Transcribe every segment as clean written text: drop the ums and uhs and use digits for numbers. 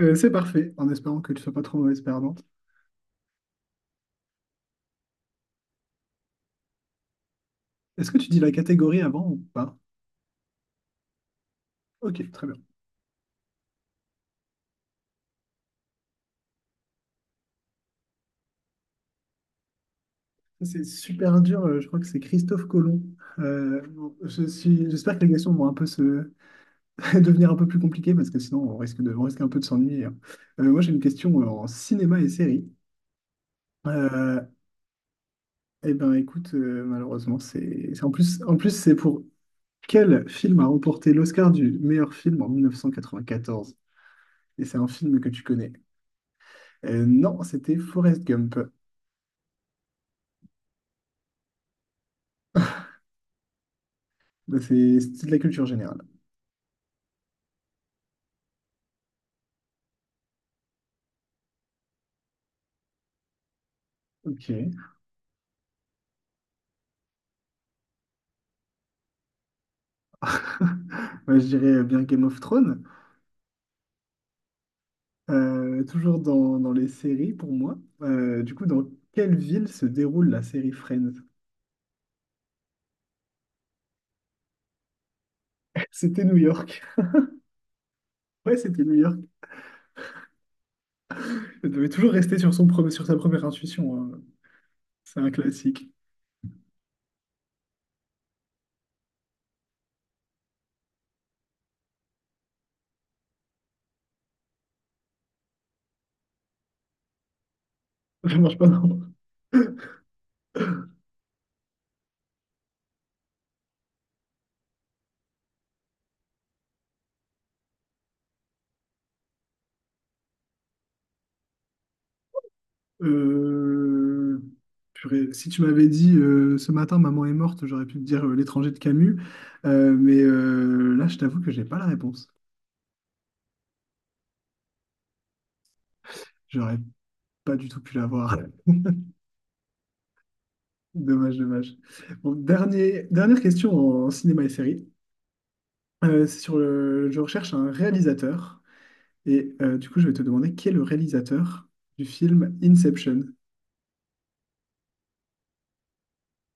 C'est parfait, en espérant que tu sois pas trop mauvaise perdante. Est-ce que tu dis la catégorie avant ou pas? Ok, très bien. C'est super dur, je crois que c'est Christophe Colomb. Bon, J'espère que les questions vont un peu devenir un peu plus compliquées parce que sinon on risque un peu de s'ennuyer, hein. Moi j'ai une question en cinéma et série. Euh, eh ben écoute, malheureusement, en plus c'est pour quel film a remporté l'Oscar du meilleur film en 1994? Et c'est un film que tu connais. Non, c'était Forrest Gump. Bah, c'est de la culture générale. Ok. Moi, je dirais bien Game of Thrones. Toujours dans les séries pour moi. Du coup, dans quelle ville se déroule la série Friends? C'était New York. Ouais, c'était New York. Elle devait toujours rester sur sa première intuition, hein. C'est un classique. Ça marche pas, non. Euh, Purée, si tu m'avais dit ce matin maman est morte, j'aurais pu te dire l'étranger de Camus. Mais là, je t'avoue que j'ai pas la réponse. J'aurais pas du tout pu l'avoir. Dommage, dommage. Bon, dernier, dernière question en cinéma et série. Je recherche un réalisateur. Et du coup, je vais te demander qui est le réalisateur du film Inception.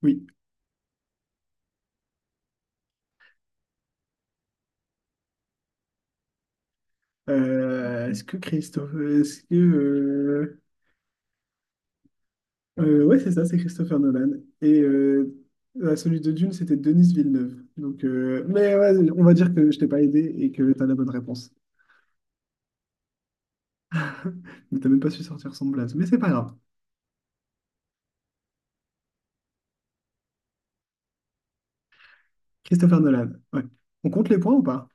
Oui. Est-ce que Christophe. Est-ce que. Ouais, c'est ça, c'est Christopher Nolan. Et celui de Dune, c'était Denis Villeneuve. Donc, mais ouais, on va dire que je t'ai pas aidé et que tu as la bonne réponse. Mais t'as même pas su sortir son blaze. Mais c'est pas grave. Christopher Nolan, ouais. On compte les points ou pas?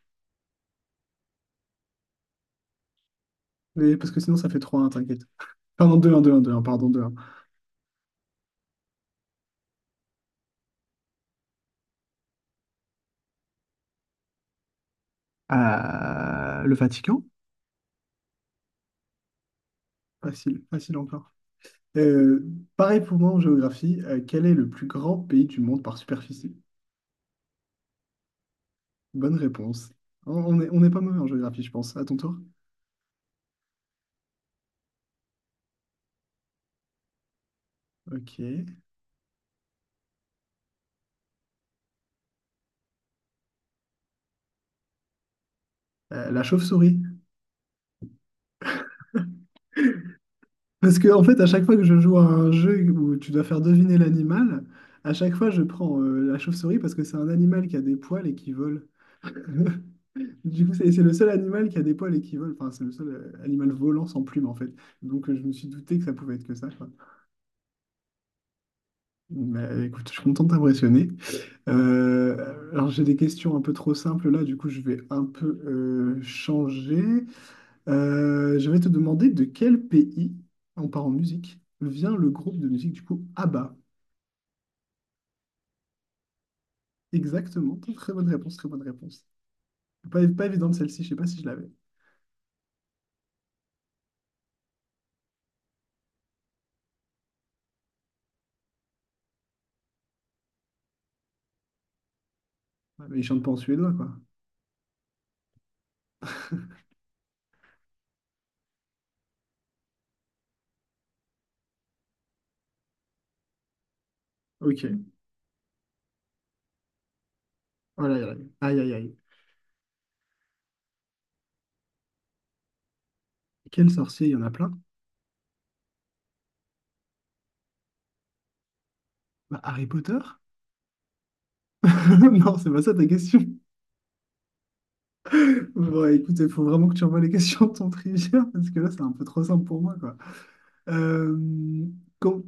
Parce que sinon ça fait trois. 1 t'inquiète. Pardon, deux un deux un deux un. Pardon, deux un. Le Vatican? Facile, facile encore. Euh, Pareil pour moi en géographie, quel est le plus grand pays du monde par superficie? Bonne réponse. On est pas mauvais en géographie, je pense. À ton tour? Ok. La chauve-souris. Parce que en fait, à chaque fois que je joue à un jeu où tu dois faire deviner l'animal, à chaque fois je prends la chauve-souris parce que c'est un animal qui a des poils et qui vole. Du coup, c'est le seul animal qui a des poils et qui vole. Enfin, c'est le seul animal volant sans plumes, en fait. Donc, je me suis douté que ça pouvait être que ça, quoi. Mais écoute, je suis content de t'impressionner. Alors, j'ai des questions un peu trop simples là. Du coup, je vais un peu changer. Je vais te demander de quel pays, on part en musique, vient le groupe de musique, du coup, ABBA. Exactement. Très bonne réponse, très bonne réponse. Pas, pas évidente celle-ci, je sais pas si je l'avais. Ouais, mais ils chantent pas en suédois, quoi. Ok. Oh là là. Aïe, aïe, aïe. Quel sorcier? Il y en a plein. Bah, Harry Potter? Non, c'est pas ça ta question. Bon, écoute, il faut vraiment que tu envoies les questions de ton trivia, parce que là, c'est un peu trop simple pour moi, quoi. Euh, com-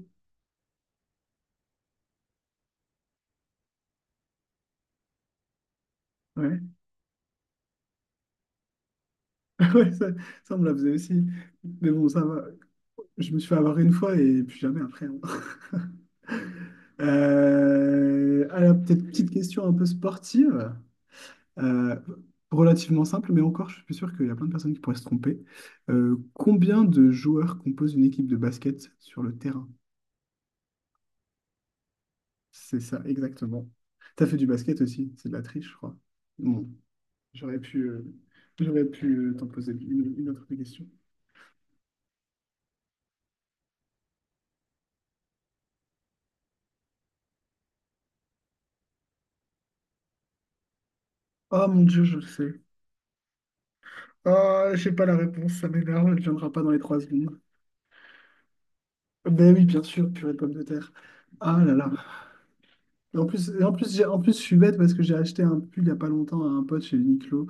Ouais, ouais, ça, on me la faisait aussi. Mais bon, ça va. Je me suis fait avoir une fois et plus jamais après, hein. Alors, peut-être petite question un peu sportive. Euh, Relativement simple, mais encore, je suis sûr qu'il y a plein de personnes qui pourraient se tromper. Combien de joueurs composent une équipe de basket sur le terrain? C'est ça, exactement. T'as fait du basket aussi, c'est de la triche, je crois. Bon, j'aurais pu, euh, j'aurais pu t'en poser une autre question. Oh mon Dieu, je le sais. Ah, j'ai pas la réponse, ça m'énerve, elle ne viendra pas dans les 3 secondes. Ben oui, bien sûr, purée de pommes de terre. Ah là là. Et en plus, je suis bête parce que j'ai acheté un pull il n'y a pas longtemps à un pote chez Uniqlo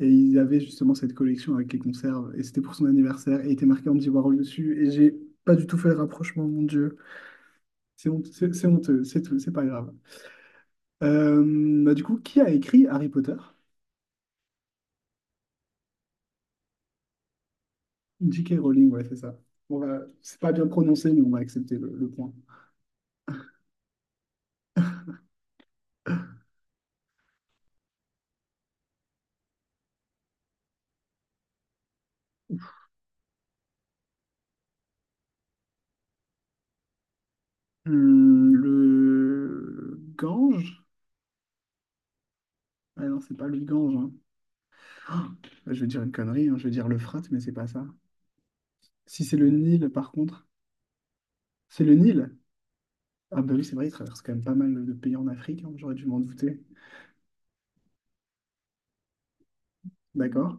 et il avait justement cette collection avec les conserves et c'était pour son anniversaire et il était marqué Andy Warhol dessus et j'ai pas du tout fait le rapprochement, mon Dieu. C'est honteux, c'est tout, c'est pas grave. Euh, Bah, du coup, qui a écrit Harry Potter? J.K. Rowling, ouais, c'est ça. On va, c'est pas bien prononcé, mais on va accepter le point. Le Gange? Ah non, c'est pas le Gange, hein. Ah, je vais dire une connerie, hein, je vais dire le frat, mais c'est pas ça. Si c'est le Nil, par contre, c'est le Nil. Ah bah oui, c'est vrai, il traverse quand même pas mal de pays en Afrique, hein, j'aurais dû m'en douter. D'accord,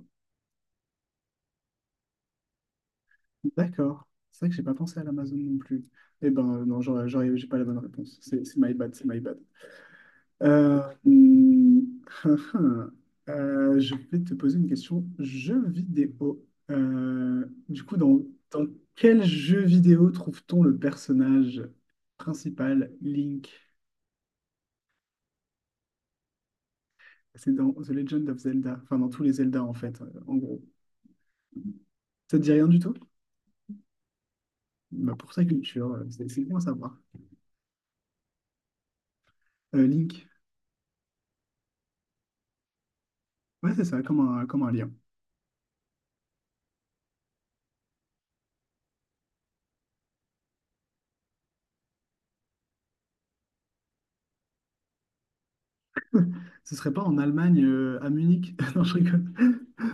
d'accord. C'est vrai que j'ai pas pensé à l'Amazon non plus. Eh ben non, j'ai pas la bonne réponse. C'est my bad, c'est my bad. Euh, hmm, je vais te poser une question jeu vidéo. Euh, du coup, dans, dans quel jeu vidéo trouve-t-on le personnage principal, Link? C'est dans The Legend of Zelda, enfin dans tous les Zelda en fait, en gros. Ça te dit rien du tout? Bah pour sa culture, c'est bon à savoir. Link. Ouais, c'est ça, comme un lien. Ce serait pas en Allemagne, à Munich? Non, je rigole.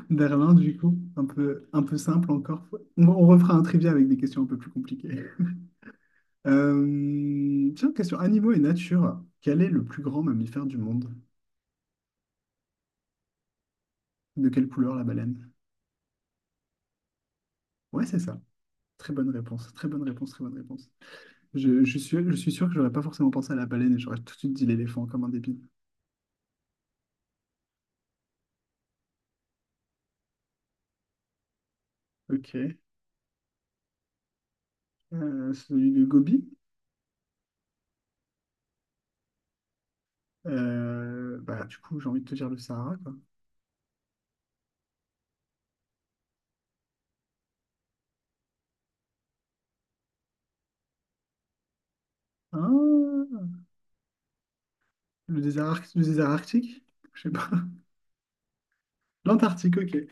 Berlin, du coup. Un peu simple encore. On refera un trivia avec des questions un peu plus compliquées. Tiens, question animaux et nature. Quel est le plus grand mammifère du monde? De quelle couleur la baleine? Ouais, c'est ça. Très bonne réponse. Très bonne réponse, très bonne réponse. Je suis sûr que j'aurais pas forcément pensé à la baleine et j'aurais tout de suite dit l'éléphant comme un débile. Ok. Celui de Gobi. Bah, du coup, j'ai envie de te dire le Sahara, quoi. Ah, le désert arctique? Je sais pas. L'Antarctique, ok.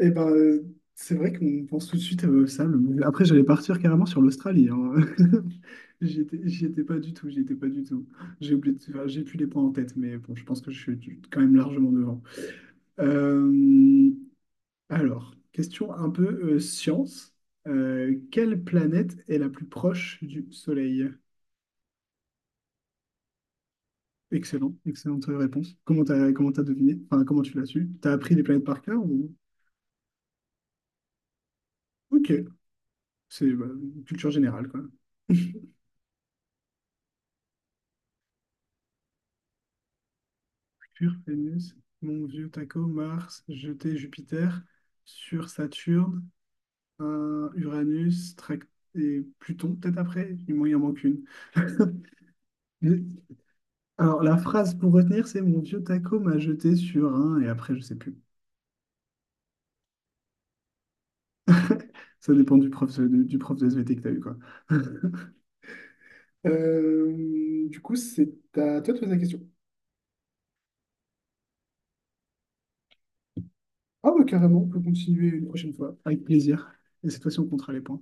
Et ben, c'est vrai qu'on pense tout de suite à ça. Après, j'allais partir carrément sur l'Australie, hein. J'y étais pas du tout, j'y étais pas du tout. J'ai oublié, enfin, j'ai plus les points en tête, mais bon, je pense que je suis quand même largement devant. Euh, alors, question un peu science. Quelle planète est la plus proche du Soleil? Excellent, excellente réponse. Comment t'as deviné? Enfin, comment tu l'as su? T'as appris les planètes par cœur ou... Ok, c'est bah, culture générale, quoi. Mercure, Vénus, mon vieux taco, Mars, jeté Jupiter, sur Saturne, un Uranus, et Pluton, peut-être après, il en manque une. Mais- Alors, la phrase pour retenir, c'est mon vieux taco m'a jeté sur un, et après, je sais plus. Ça dépend du prof de SVT que t'as eu, quoi. Du coup, c'est à toi de poser la question. Ah, bah, carrément, on peut continuer une prochaine fois, avec plaisir. Et cette fois-ci, on comptera les points.